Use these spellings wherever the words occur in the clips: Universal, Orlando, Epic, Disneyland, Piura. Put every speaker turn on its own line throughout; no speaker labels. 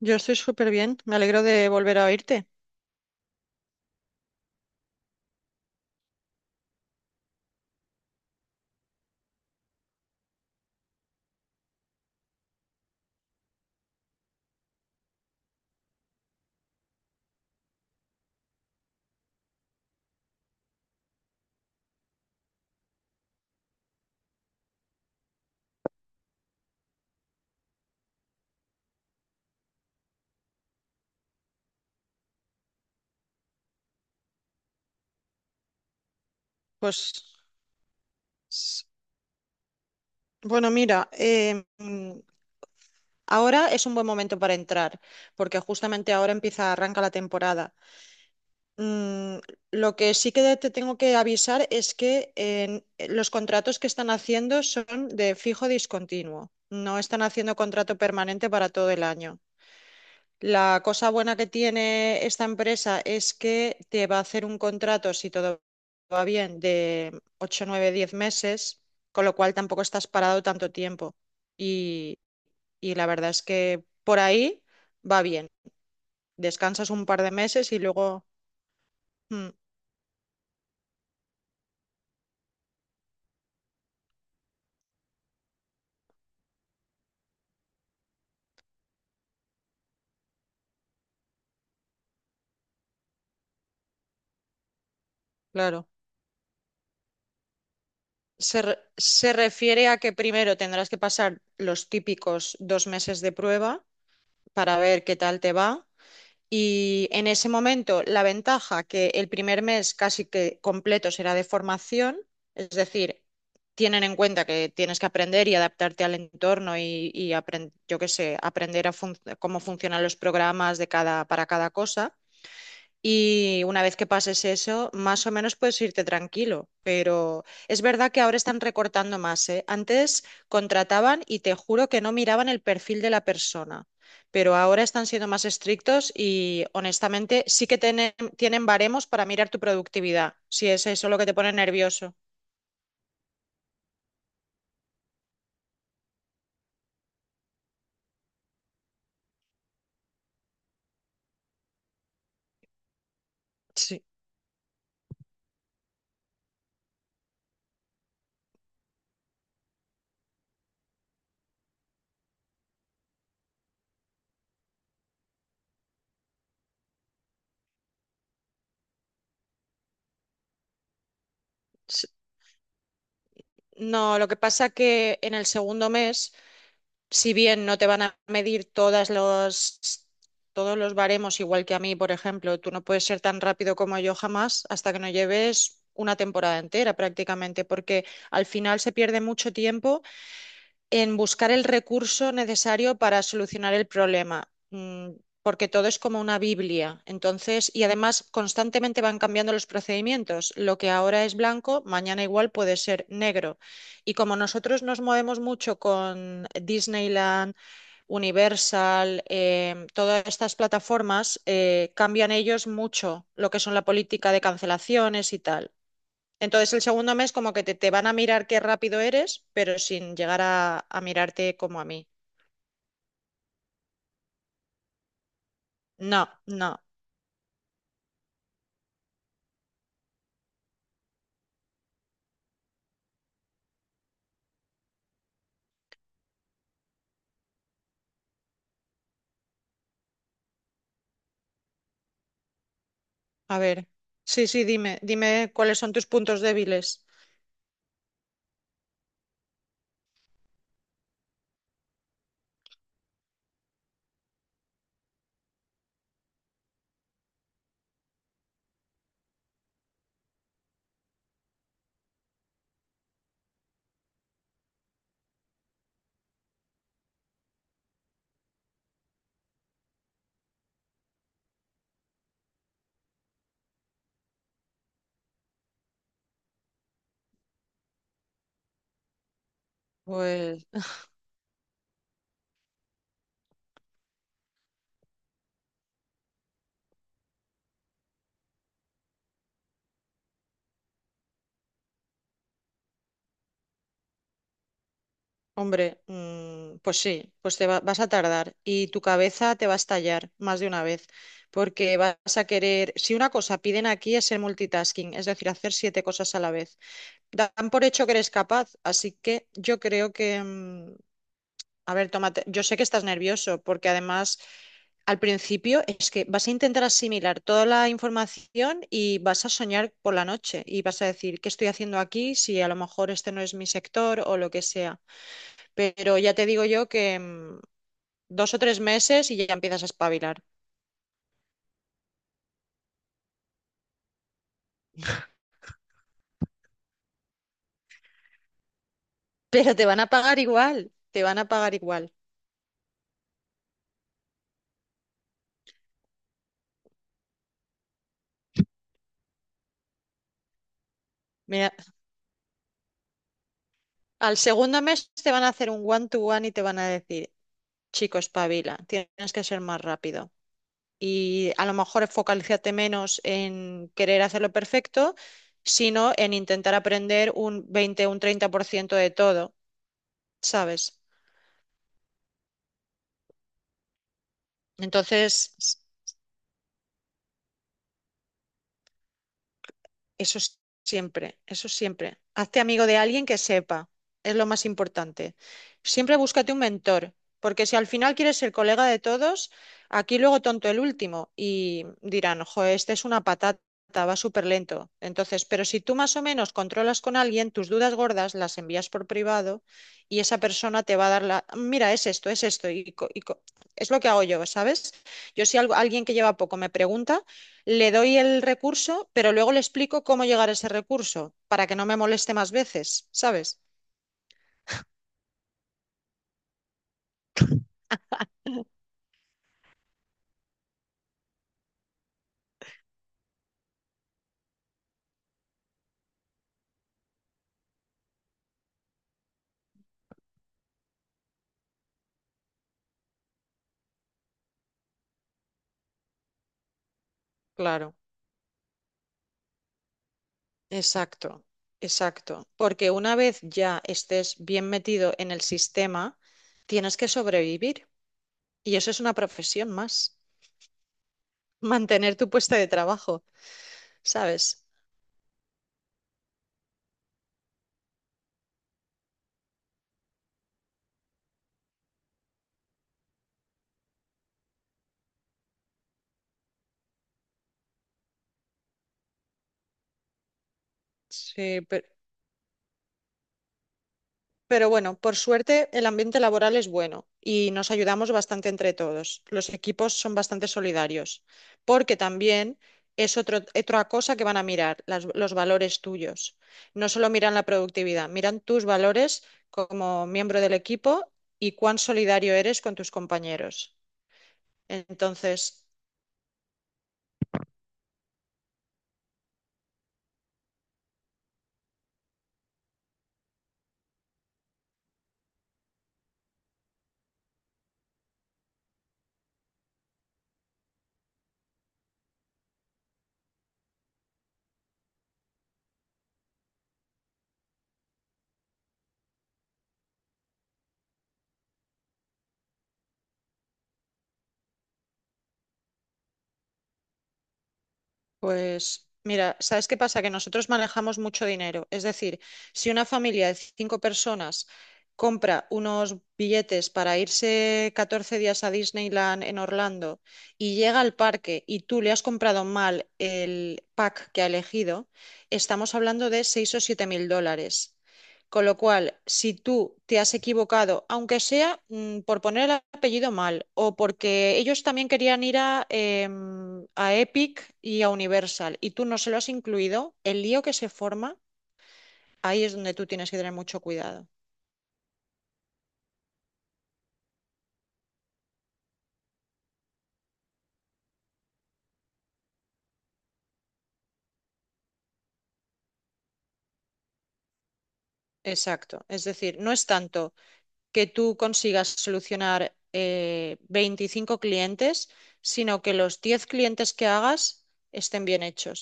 Yo estoy súper bien, me alegro de volver a oírte. Pues, s- bueno, mira, ahora es un buen momento para entrar, porque justamente ahora arranca la temporada. Mm, lo que sí que te tengo que avisar es que los contratos que están haciendo son de fijo discontinuo, no están haciendo contrato permanente para todo el año. La cosa buena que tiene esta empresa es que te va a hacer un contrato, si todo va bien, de 8, 9, 10 meses, con lo cual tampoco estás parado tanto tiempo. Y, y la verdad es que por ahí va bien. Descansas un par de meses y luego. Mm. Claro. Se refiere a que primero tendrás que pasar los típicos 2 meses de prueba para ver qué tal te va. Y en ese momento, la ventaja que el primer mes casi que completo será de formación, es decir, tienen en cuenta que tienes que aprender y adaptarte al entorno y yo qué sé, aprender a cómo funcionan los programas para cada cosa. Y una vez que pases eso, más o menos puedes irte tranquilo. Pero es verdad que ahora están recortando más, ¿eh? Antes contrataban y te juro que no miraban el perfil de la persona. Pero ahora están siendo más estrictos y honestamente sí que tienen, baremos para mirar tu productividad, si es eso lo que te pone nervioso. Sí. Sí. No, lo que pasa que en el segundo mes si bien no te van a medir todos los baremos igual que a mí, por ejemplo, tú no puedes ser tan rápido como yo jamás hasta que no lleves una temporada entera prácticamente, porque al final se pierde mucho tiempo en buscar el recurso necesario para solucionar el problema, porque todo es como una Biblia. Entonces, y además constantemente van cambiando los procedimientos. Lo que ahora es blanco, mañana igual puede ser negro. Y como nosotros nos movemos mucho con Disneyland, Universal, todas estas plataformas, cambian ellos mucho lo que son la política de cancelaciones y tal. Entonces el segundo mes como que te van a mirar qué rápido eres, pero sin llegar a mirarte como a mí. No, no. A ver. Sí, sí, dime cuáles son tus puntos débiles. Pues, hombre, pues sí, pues vas a tardar y tu cabeza te va a estallar más de una vez, porque vas a querer, si una cosa piden aquí es el multitasking, es decir, hacer siete cosas a la vez. Dan por hecho que eres capaz, así que yo creo que, a ver, tómate. Yo sé que estás nervioso porque además al principio es que vas a intentar asimilar toda la información y vas a soñar por la noche y vas a decir, ¿qué estoy haciendo aquí? Si a lo mejor este no es mi sector o lo que sea. Pero ya te digo yo que 2 o 3 meses y ya empiezas a espabilar. Pero te van a pagar igual, te van a pagar igual. Mira, al segundo mes te van a hacer un one-to-one y te van a decir, chico, espabila, tienes que ser más rápido. Y a lo mejor focalízate menos en querer hacerlo perfecto, sino en intentar aprender un 20 o un 30% de todo, ¿sabes? Entonces, eso siempre, eso siempre. Hazte amigo de alguien que sepa, es lo más importante. Siempre búscate un mentor, porque si al final quieres ser colega de todos, aquí luego tonto el último y dirán, ojo, este es una patata, va súper lento. Entonces, pero si tú más o menos controlas con alguien, tus dudas gordas las envías por privado y esa persona te va a dar la, mira, es esto, es esto, es lo que hago yo, ¿sabes? Yo si algo, alguien que lleva poco me pregunta, le doy el recurso, pero luego le explico cómo llegar a ese recurso, para que no me moleste más veces, ¿sabes? Claro, exacto, exacto. Porque una vez ya estés bien metido en el sistema, tienes que sobrevivir. Y eso es una profesión más, mantener tu puesto de trabajo, ¿sabes? Sí, pero bueno, por suerte el ambiente laboral es bueno y nos ayudamos bastante entre todos. Los equipos son bastante solidarios, porque también es otra cosa que van a mirar, los valores tuyos. No solo miran la productividad, miran tus valores como miembro del equipo y cuán solidario eres con tus compañeros. Entonces, pues mira, ¿sabes qué pasa? Que nosotros manejamos mucho dinero. Es decir, si una familia de cinco personas compra unos billetes para irse 14 días a Disneyland en Orlando y llega al parque y tú le has comprado mal el pack que ha elegido, estamos hablando de 6000 o 7000 dólares. Con lo cual, si tú te has equivocado, aunque sea por poner el apellido mal o porque ellos también querían ir a Epic y a Universal y tú no se lo has incluido, el lío que se forma, ahí es donde tú tienes que tener mucho cuidado. Exacto. Es decir, no es tanto que tú consigas solucionar 25 clientes, sino que los 10 clientes que hagas estén bien hechos.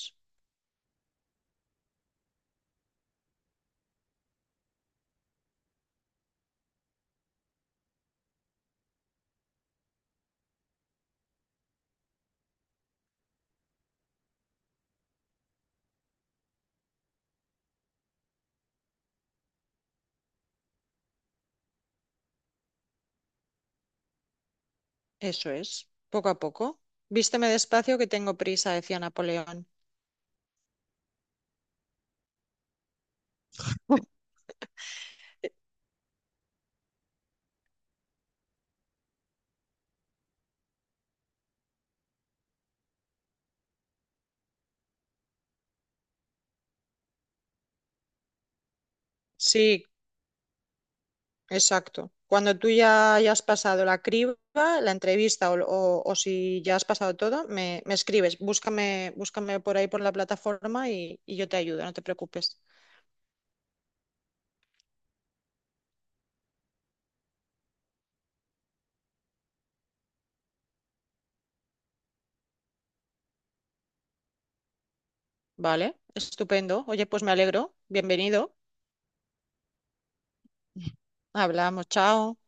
Eso es, poco a poco. Vísteme despacio que tengo prisa, decía Napoleón. Sí, exacto. Cuando tú ya hayas pasado la criba, la entrevista o si ya has pasado todo, me escribes. Búscame, búscame por ahí por la plataforma y yo te ayudo, no te preocupes. Vale, estupendo. Oye, pues me alegro. Bienvenido. Hablamos, chao.